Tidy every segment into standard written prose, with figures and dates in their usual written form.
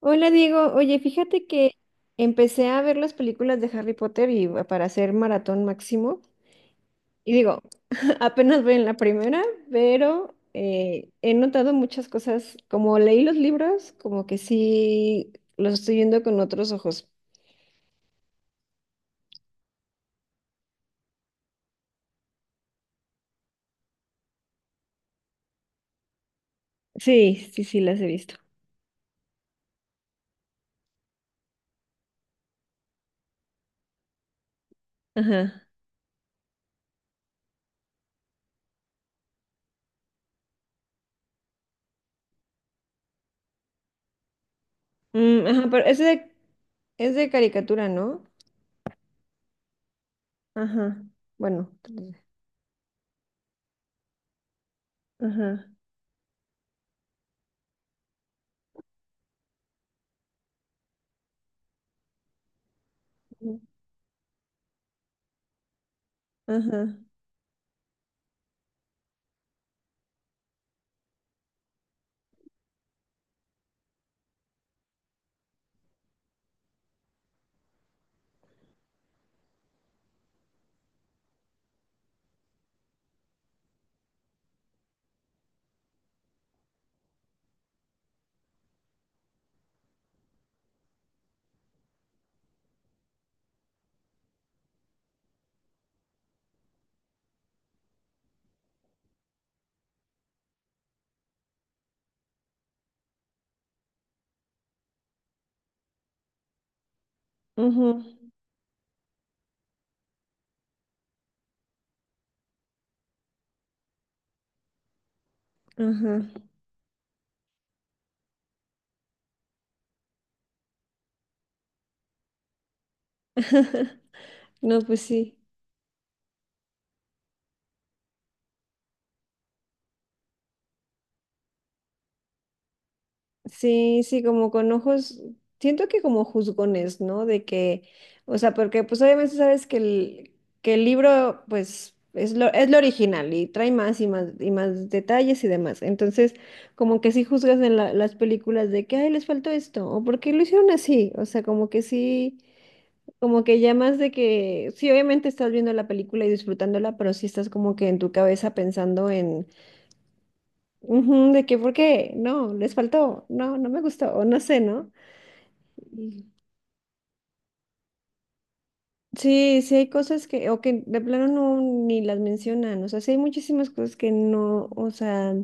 Hola Diego, oye, fíjate que empecé a ver las películas de Harry Potter y para hacer maratón máximo. Y digo, apenas voy en la primera, pero he notado muchas cosas. Como leí los libros, como que sí los estoy viendo con otros ojos. Sí, sí, sí, las he visto. Ajá. Mm, ajá, pero es de caricatura, ¿no? Ajá. Bueno. Ajá. Ujú. Ajá. Ujú. Ajá. No, pues sí. Sí, sí, como con ojos, siento que como juzgones, ¿no? De que, o sea, porque pues obviamente sabes que el, libro, pues, es lo original y trae más y más y más detalles y demás. Entonces, como que sí juzgas en las películas de que, ay, les faltó esto, o por qué lo hicieron así. O sea, como que sí, como que ya más de que, sí, obviamente estás viendo la película y disfrutándola, pero sí estás como que en tu cabeza pensando en... Ujú, de que, ¿por qué? No, les faltó, no, no me gustó, o no sé, ¿no? Sí, sí sí hay cosas que, o que de plano no ni las mencionan, o sea, sí hay muchísimas cosas que no, o sea,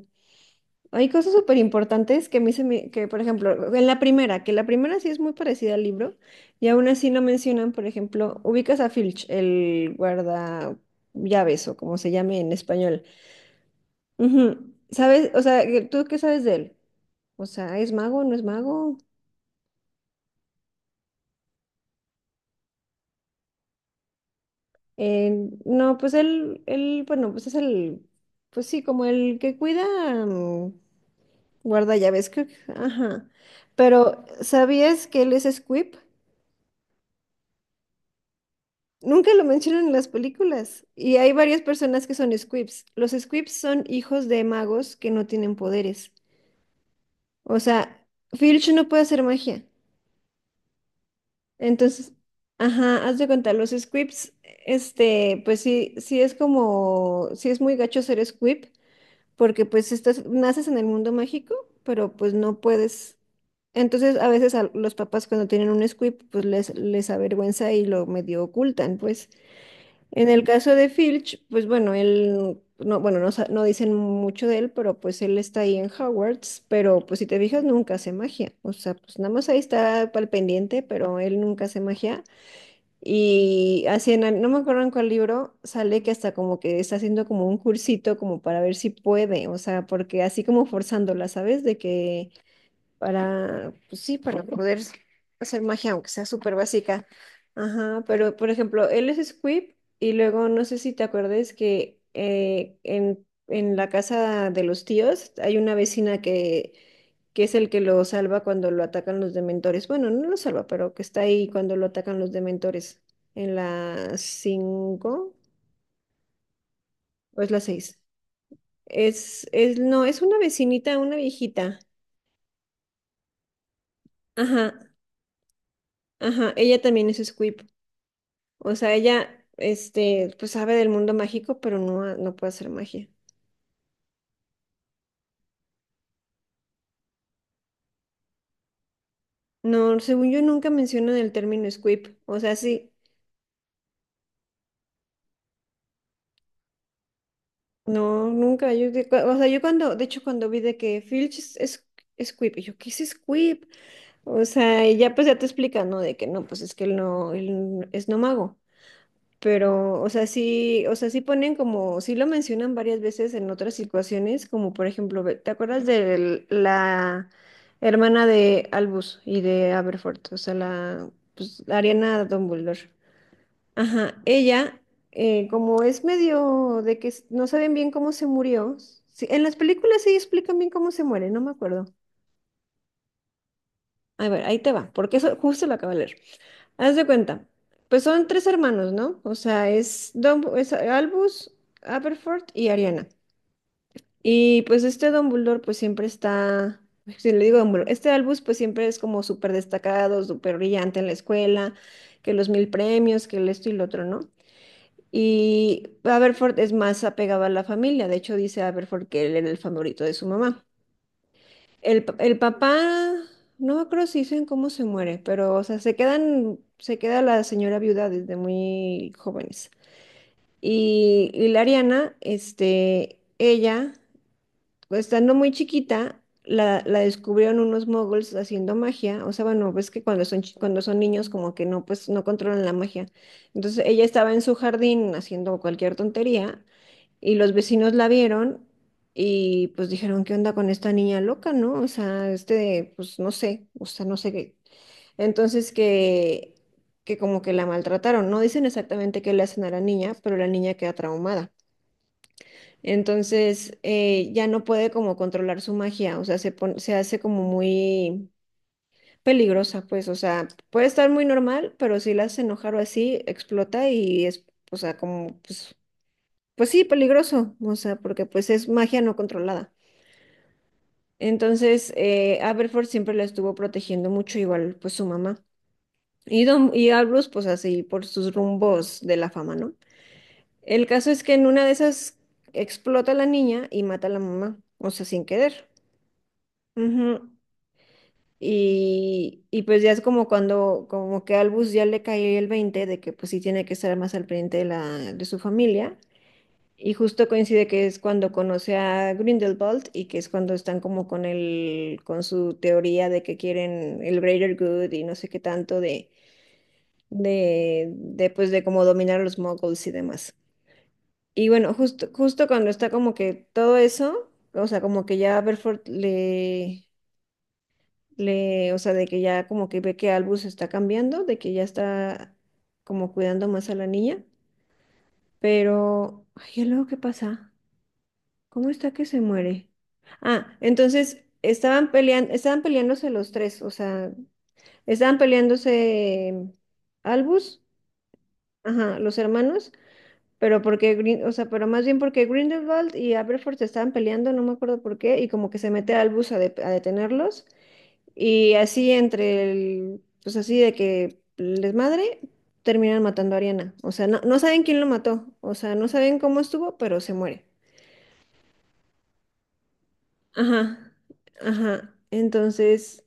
hay cosas súper importantes que a mí se me, que por ejemplo, en la primera, que la primera sí es muy parecida al libro, y aún así no mencionan, por ejemplo, ubicas a Filch, el guarda llaves o como se llame en español. Ujú. ¿Sabes? O sea, ¿tú qué sabes de él? O sea, ¿es mago? ¿No es mago? Eh, no, pues él, bueno, pues es el, pues sí, como el que cuida, mm, guarda llaves, creo que, ajá. Pero, ¿sabías que él es Squib? Nunca lo mencionan en las películas. Y hay varias personas que son Squibs. Los Squibs son hijos de magos que no tienen poderes. O sea, Filch no puede hacer magia. Entonces, ajá, haz de cuenta, los Squibs, este, pues sí, sí es como, sí es muy gacho ser Squib. Porque pues estás, naces en el mundo mágico, pero pues no puedes. Entonces a veces a los papás cuando tienen un squib, pues les avergüenza y lo medio ocultan, pues. En el caso de Filch, pues bueno, él, no, bueno, no, no dicen mucho de él, pero pues él está ahí en Hogwarts, pero pues si te fijas nunca hace magia, o sea, pues nada más ahí está al pendiente, pero él nunca hace magia. Y así, en no me acuerdo en cuál libro, sale que hasta como que está haciendo como un cursito como para ver si puede, o sea, porque así como forzándola, ¿sabes? De que para, pues sí, para poder hacer magia, aunque sea súper básica. Ajá, pero por ejemplo, él es Squib y luego no sé si te acuerdas que en, la casa de los tíos hay una vecina que es el que lo salva cuando lo atacan los dementores. Bueno, no lo salva, pero que está ahí cuando lo atacan los dementores. En la 5 o es la seis. Es, no, es una vecinita, una viejita. Ajá, ajá. Ella también es Squib. O sea, ella, este, pues sabe del mundo mágico, pero no, no puede hacer magia. No, según yo nunca mencionan el término Squib. O sea, sí. No, nunca. Yo, o sea, yo cuando, de hecho, cuando vi de que Filch es, es Squib, y yo, ¿qué es Squib? O sea, y ya pues ya te explica, ¿no? De que no, pues es que él no, él es no mago. Pero, o sea, sí ponen como, sí lo mencionan varias veces en otras situaciones, como por ejemplo, ¿te acuerdas de la hermana de Albus y de Aberforth? O sea, la, pues, la Ariana Dumbledore. Ajá, ella, como es medio de que no saben bien cómo se murió, sí, en las películas sí explican bien cómo se muere, no me acuerdo. A ver, ahí te va, porque eso justo lo acabo de leer. Haz de cuenta, pues son tres hermanos, ¿no? O sea, es Albus, Aberforth y Ariana. Y pues este Dumbledore pues siempre está, pues, si le digo Dumbledore, este Albus pues siempre es como súper destacado, súper brillante en la escuela, que los mil premios, que el esto y lo otro, ¿no? Y Aberforth es más apegado a la familia, de hecho dice Aberforth que él era el favorito de su mamá. El papá, no me acuerdo si dicen cómo se muere, pero, o sea, se queda la señora viuda desde muy jóvenes. Y la Ariana, este, ella, pues, estando muy chiquita, la descubrieron unos moguls haciendo magia. O sea, bueno, ves que cuando son niños, como que no, pues, no controlan la magia. Entonces, ella estaba en su jardín haciendo cualquier tontería y los vecinos la vieron y pues dijeron, ¿qué onda con esta niña loca, no? O sea, este, pues no sé, o sea, no sé qué. Entonces que, como que la maltrataron. No dicen exactamente qué le hacen a la niña, pero la niña queda traumada. Entonces ya no puede como controlar su magia, o sea, se hace como muy peligrosa, pues, o sea, puede estar muy normal, pero si la hace enojar o así, explota y es, o sea, como, pues sí, peligroso, o sea, porque pues es magia no controlada. Entonces, Aberforth siempre la estuvo protegiendo mucho, igual pues su mamá. Y Albus, pues así, por sus rumbos de la fama, ¿no? El caso es que en una de esas explota la niña y mata a la mamá, o sea, sin querer. Ujú. Y pues ya es como cuando, como que a Albus ya le cae el 20 de que pues sí tiene que estar más al pendiente de su familia. Y justo coincide que es cuando conoce a Grindelwald y que es cuando están como con su teoría de que quieren el greater good y no sé qué tanto de, de pues de cómo dominar a los muggles y demás. Y bueno, justo, justo cuando está como que todo eso, o sea, como que ya Berford le, o sea, de que ya como que ve que Albus está cambiando, de que ya está como cuidando más a la niña, pero, ay, ¿y luego qué pasa? ¿Cómo está que se muere? Ah, entonces estaban peleando, estaban peleándose los tres, o sea, estaban peleándose Albus, ajá, los hermanos, pero porque o sea, pero más bien porque Grindelwald y Aberforth se estaban peleando, no me acuerdo por qué, y como que se mete Albus a detenerlos, y así entre el, pues así de que les madre, terminan matando a Ariana. O sea, no, no saben quién lo mató, o sea, no saben cómo estuvo, pero se muere. Ajá, ajá. Entonces,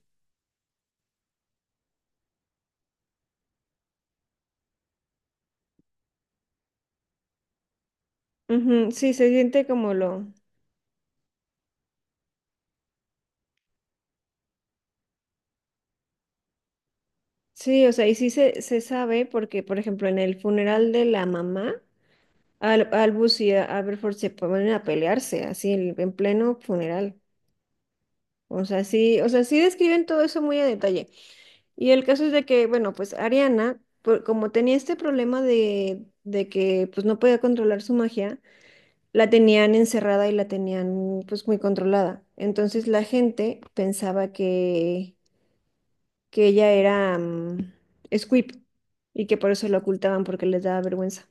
ujú, sí, se siente como lo... Sí, o sea, y sí se sabe porque, por ejemplo, en el funeral de la mamá, Albus y Aberforth se ponen a pelearse, así, en, pleno funeral. O sea, sí describen todo eso muy a detalle. Y el caso es de que, bueno, pues Ariana, como tenía este problema de, que pues no podía controlar su magia, la tenían encerrada y la tenían pues muy controlada. Entonces la gente pensaba que ella era Squib y que por eso la ocultaban porque les daba vergüenza.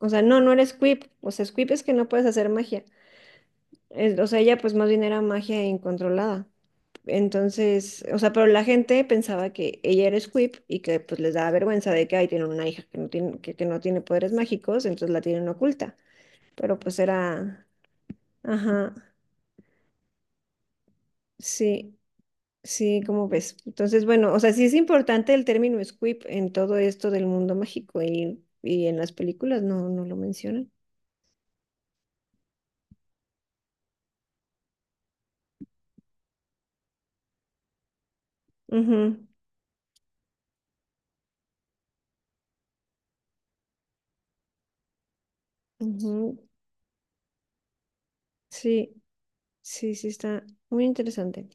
O sea, no, no era Squib. O sea, Squib es que no puedes hacer magia. O sea, ella pues más bien era magia incontrolada. Entonces, o sea, pero la gente pensaba que ella era Squib y que pues les daba vergüenza de que ahí tienen una hija que no tiene, que no tiene poderes mágicos, entonces la tienen oculta. Pero pues era, ajá, sí. Sí, como ves. Entonces, bueno, o sea, sí es importante el término squib en todo esto del mundo mágico y, en las películas no, no lo mencionan. Ujú, ujú. Sí, sí, sí, está muy interesante.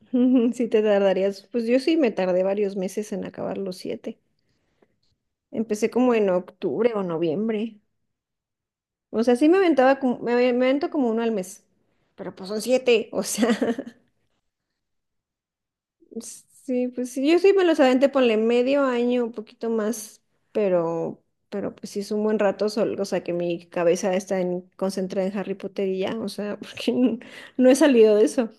Sí, te tardarías. Pues yo sí me tardé varios meses en acabar los siete. Empecé como en octubre o noviembre. O sea, sí me aventaba como, me avento como uno al mes. Pero pues son siete, o sea. Sí, pues sí, yo sí me los aventé, ponle medio año, un poquito más, pero, pero pues sí es un buen rato, o sea que mi cabeza está concentrada en Harry Potter y ya, o sea, porque no, no he salido de eso.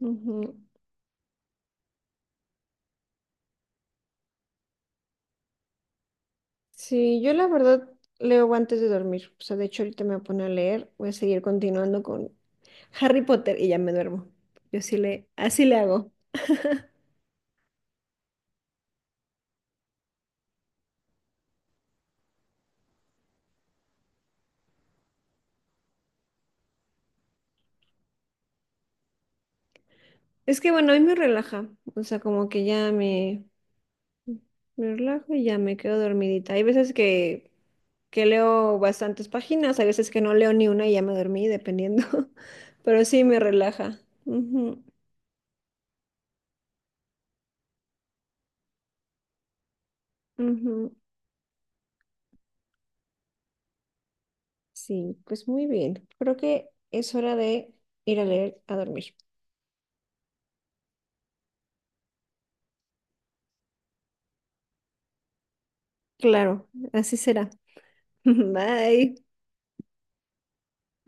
Ujú. Sí, yo la verdad leo antes de dormir, o sea, de hecho ahorita me voy a poner a leer, voy a seguir continuando con Harry Potter y ya me duermo. Yo sí le, así le hago. Es que bueno, a mí me relaja, o sea, como que ya me... Me relajo y ya me quedo dormidita. Hay veces que, leo bastantes páginas, hay veces que no leo ni una y ya me dormí, dependiendo. Pero sí me relaja. Ujú, ujú. Sí, pues muy bien. Creo que es hora de ir a leer a dormir. Claro, así será. Bye.